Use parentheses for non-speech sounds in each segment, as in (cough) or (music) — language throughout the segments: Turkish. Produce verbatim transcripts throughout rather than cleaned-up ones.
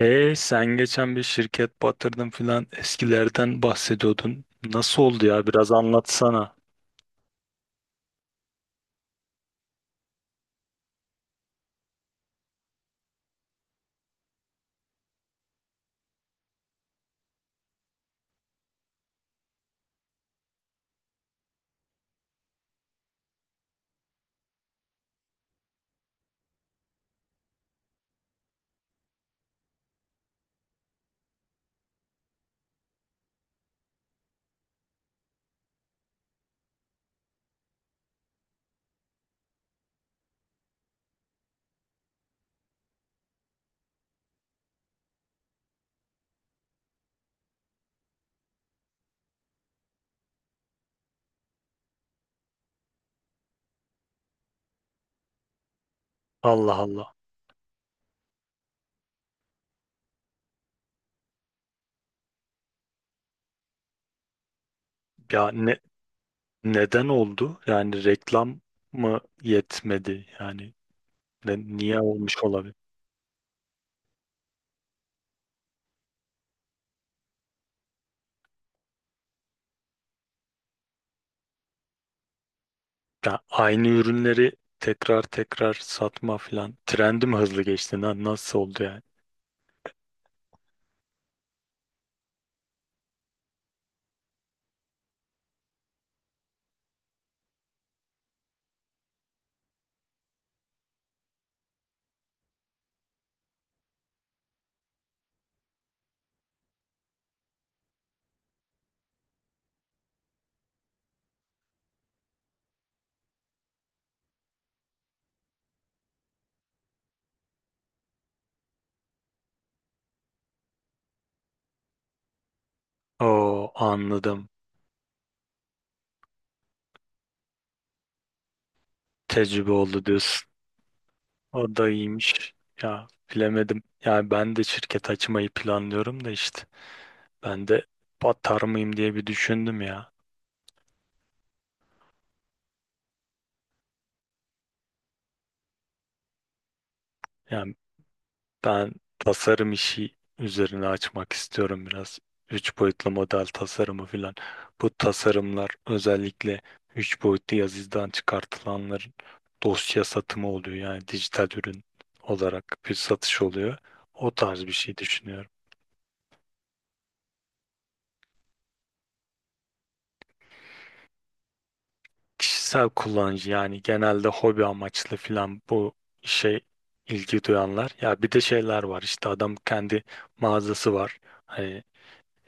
Hey sen geçen bir şirket batırdın filan eskilerden bahsediyordun. Nasıl oldu ya? Biraz anlatsana. Allah Allah. Ya ne neden oldu? Yani reklam mı yetmedi? Yani ne, niye olmuş olabilir? Ya aynı ürünleri tekrar tekrar satma filan. Trendi mi hızlı geçti lan? Nasıl oldu yani? Oo, anladım. Tecrübe oldu diyorsun. O da iyiymiş. Ya bilemedim. Yani ben de şirket açmayı planlıyorum da işte. Ben de batar mıyım diye bir düşündüm ya. Yani ben tasarım işi üzerine açmak istiyorum biraz. Üç boyutlu model tasarımı filan. Bu tasarımlar özellikle üç boyutlu yazıcıdan çıkartılanların dosya satımı oluyor. Yani dijital ürün olarak bir satış oluyor. O tarz bir şey düşünüyorum. Kişisel kullanıcı yani genelde hobi amaçlı filan bu işe ilgi duyanlar. Ya bir de şeyler var işte adam kendi mağazası var. Hani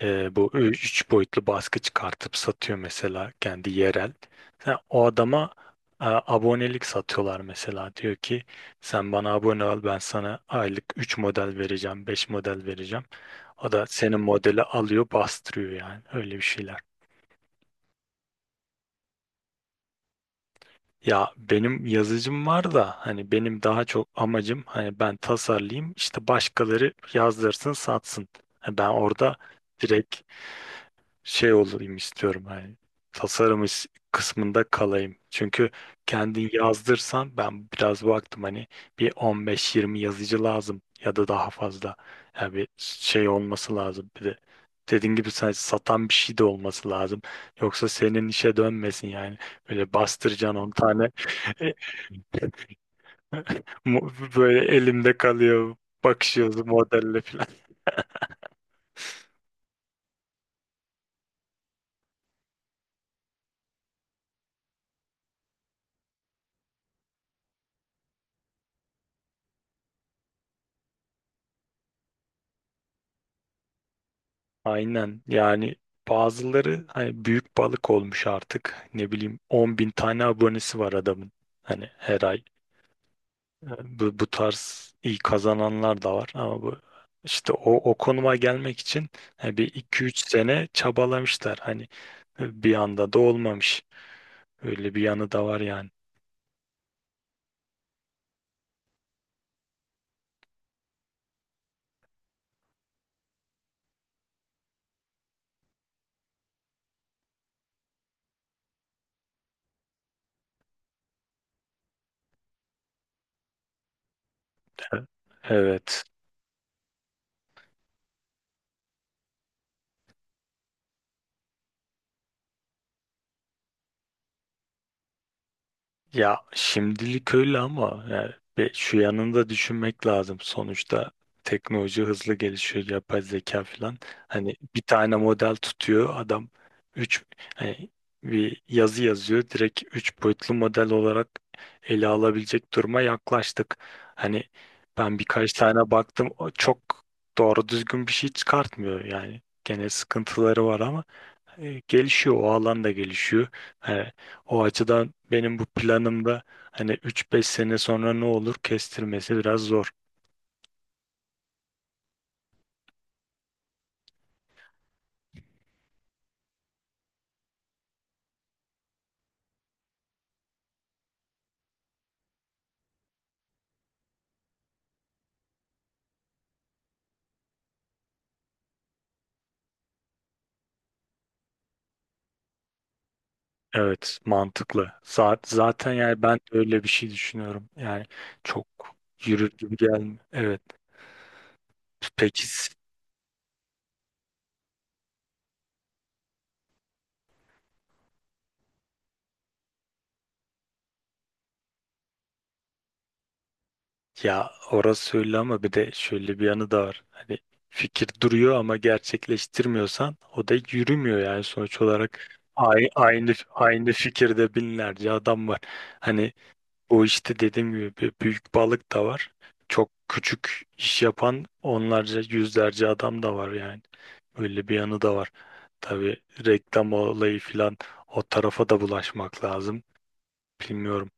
e, bu ü- üç boyutlu baskı çıkartıp satıyor mesela kendi yerel. Sen o adama e, abonelik satıyorlar mesela. Diyor ki sen bana abone ol, ben sana aylık üç model vereceğim, beş model vereceğim. O da senin modeli alıyor, bastırıyor, yani öyle bir şeyler. Ya benim yazıcım var da hani benim daha çok amacım hani ben tasarlayayım, işte başkaları yazdırsın satsın. Ha, ben orada direkt şey olayım istiyorum, hani tasarım is- kısmında kalayım. Çünkü kendin yazdırsan, ben biraz baktım, hani bir on beş yirmi yazıcı lazım ya da daha fazla. Yani bir şey olması lazım bir de. Dediğin gibi sen satan bir şey de olması lazım. Yoksa senin işe dönmesin yani. Böyle bastıracaksın on tane. (laughs) Mu- Böyle elimde kalıyor. Bakışıyoruz modelle. Aynen yani bazıları hani büyük balık olmuş artık, ne bileyim on bin tane abonesi var adamın, hani her ay. E, bu, bu tarz iyi kazananlar da var ama bu işte o, o konuma gelmek için e, bir iki üç sene çabalamışlar, hani e, bir anda da olmamış, öyle bir yanı da var yani. E, Evet. Ya şimdilik öyle ama yani ve şu yanında düşünmek lazım. Sonuçta teknoloji hızlı gelişiyor, yapay zeka falan. Hani bir tane model tutuyor adam, üç hani bir yazı yazıyor. Direkt üç boyutlu model olarak ele alabilecek duruma yaklaştık. Hani ben birkaç tane baktım, o çok doğru düzgün bir şey çıkartmıyor yani. Gene sıkıntıları var ama e, gelişiyor, o alan da gelişiyor. Hani o açıdan benim bu planımda hani üç beş sene sonra ne olur, kestirmesi biraz zor. Evet, mantıklı. Zaten, zaten yani ben de öyle bir şey düşünüyorum. Yani çok yürür gibi gelmiyor. Evet. Peki. S- ya orası öyle ama bir de şöyle bir yanı da var. Hani fikir duruyor ama gerçekleştirmiyorsan o da yürümüyor, yani sonuç olarak. Ay- Aynı aynı fikirde binlerce adam var. Hani o işte dediğim gibi bir büyük balık da var. Çok küçük iş yapan onlarca, yüzlerce adam da var yani. Öyle bir yanı da var. Tabii reklam olayı filan, o tarafa da bulaşmak lazım. Bilmiyorum.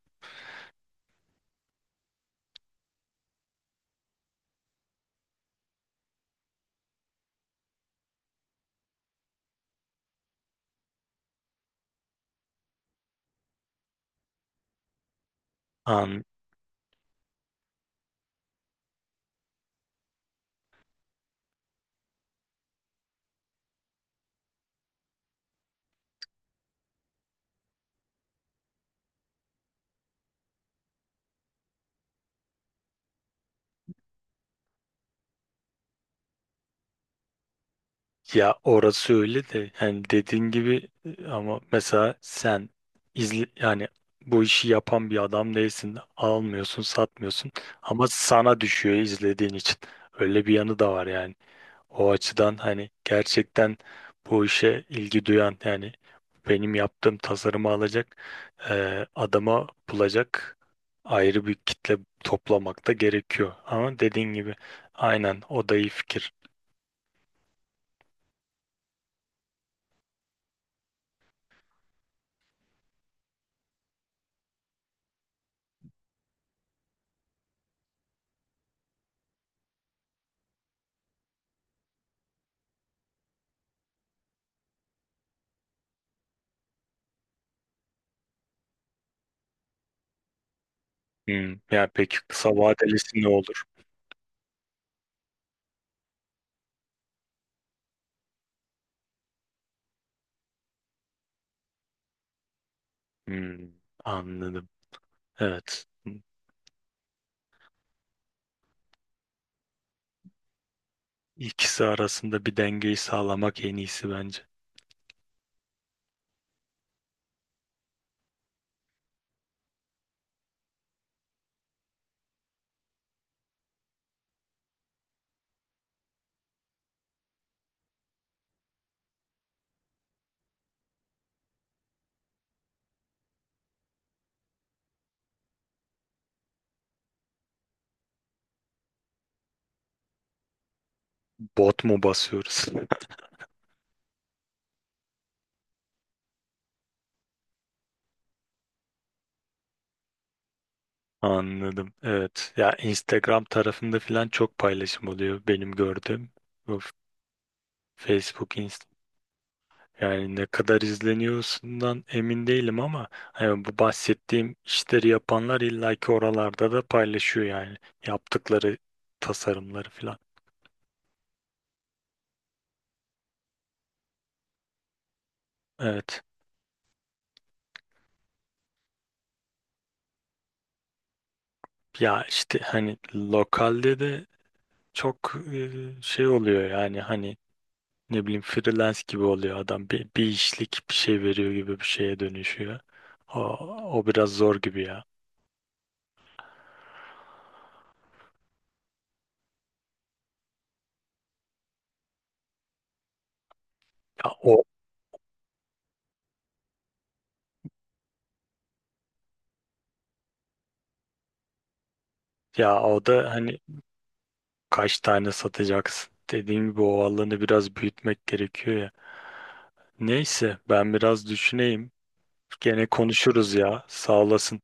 An Ya orası öyle de, yani dediğin gibi, e, ama mesela sen izle yani, bu işi yapan bir adam değilsin. Almıyorsun, satmıyorsun ama sana düşüyor izlediğin için. Öyle bir yanı da var yani. O açıdan hani gerçekten bu işe ilgi duyan yani, benim yaptığım tasarımı alacak, e, adama bulacak ayrı bir kitle toplamak da gerekiyor. Ama dediğin gibi aynen, o da iyi fikir. Hmm, yani peki kısa vadelisi ne olur? Hmm, anladım. Evet. İkisi arasında bir dengeyi sağlamak en iyisi bence. Bot mu basıyoruz? Anladım. Evet. Ya Instagram tarafında falan çok paylaşım oluyor benim gördüğüm. Bu Facebook, Inst Yani ne kadar izleniyorsundan emin değilim ama hani bu bahsettiğim işleri yapanlar illaki oralarda da paylaşıyor yani, yaptıkları tasarımları falan. Evet. Ya işte hani lokalde de çok e, şey oluyor yani, hani ne bileyim freelance gibi oluyor, adam bir, bir işlik bir şey veriyor gibi bir şeye dönüşüyor. O, o biraz zor gibi ya. Ya o ya o da hani kaç tane satacaksın? Dediğim gibi o alanı biraz büyütmek gerekiyor ya. Neyse ben biraz düşüneyim. Gene konuşuruz ya. Sağ olasın.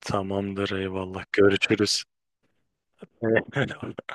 Tamamdır, eyvallah. Görüşürüz. (laughs)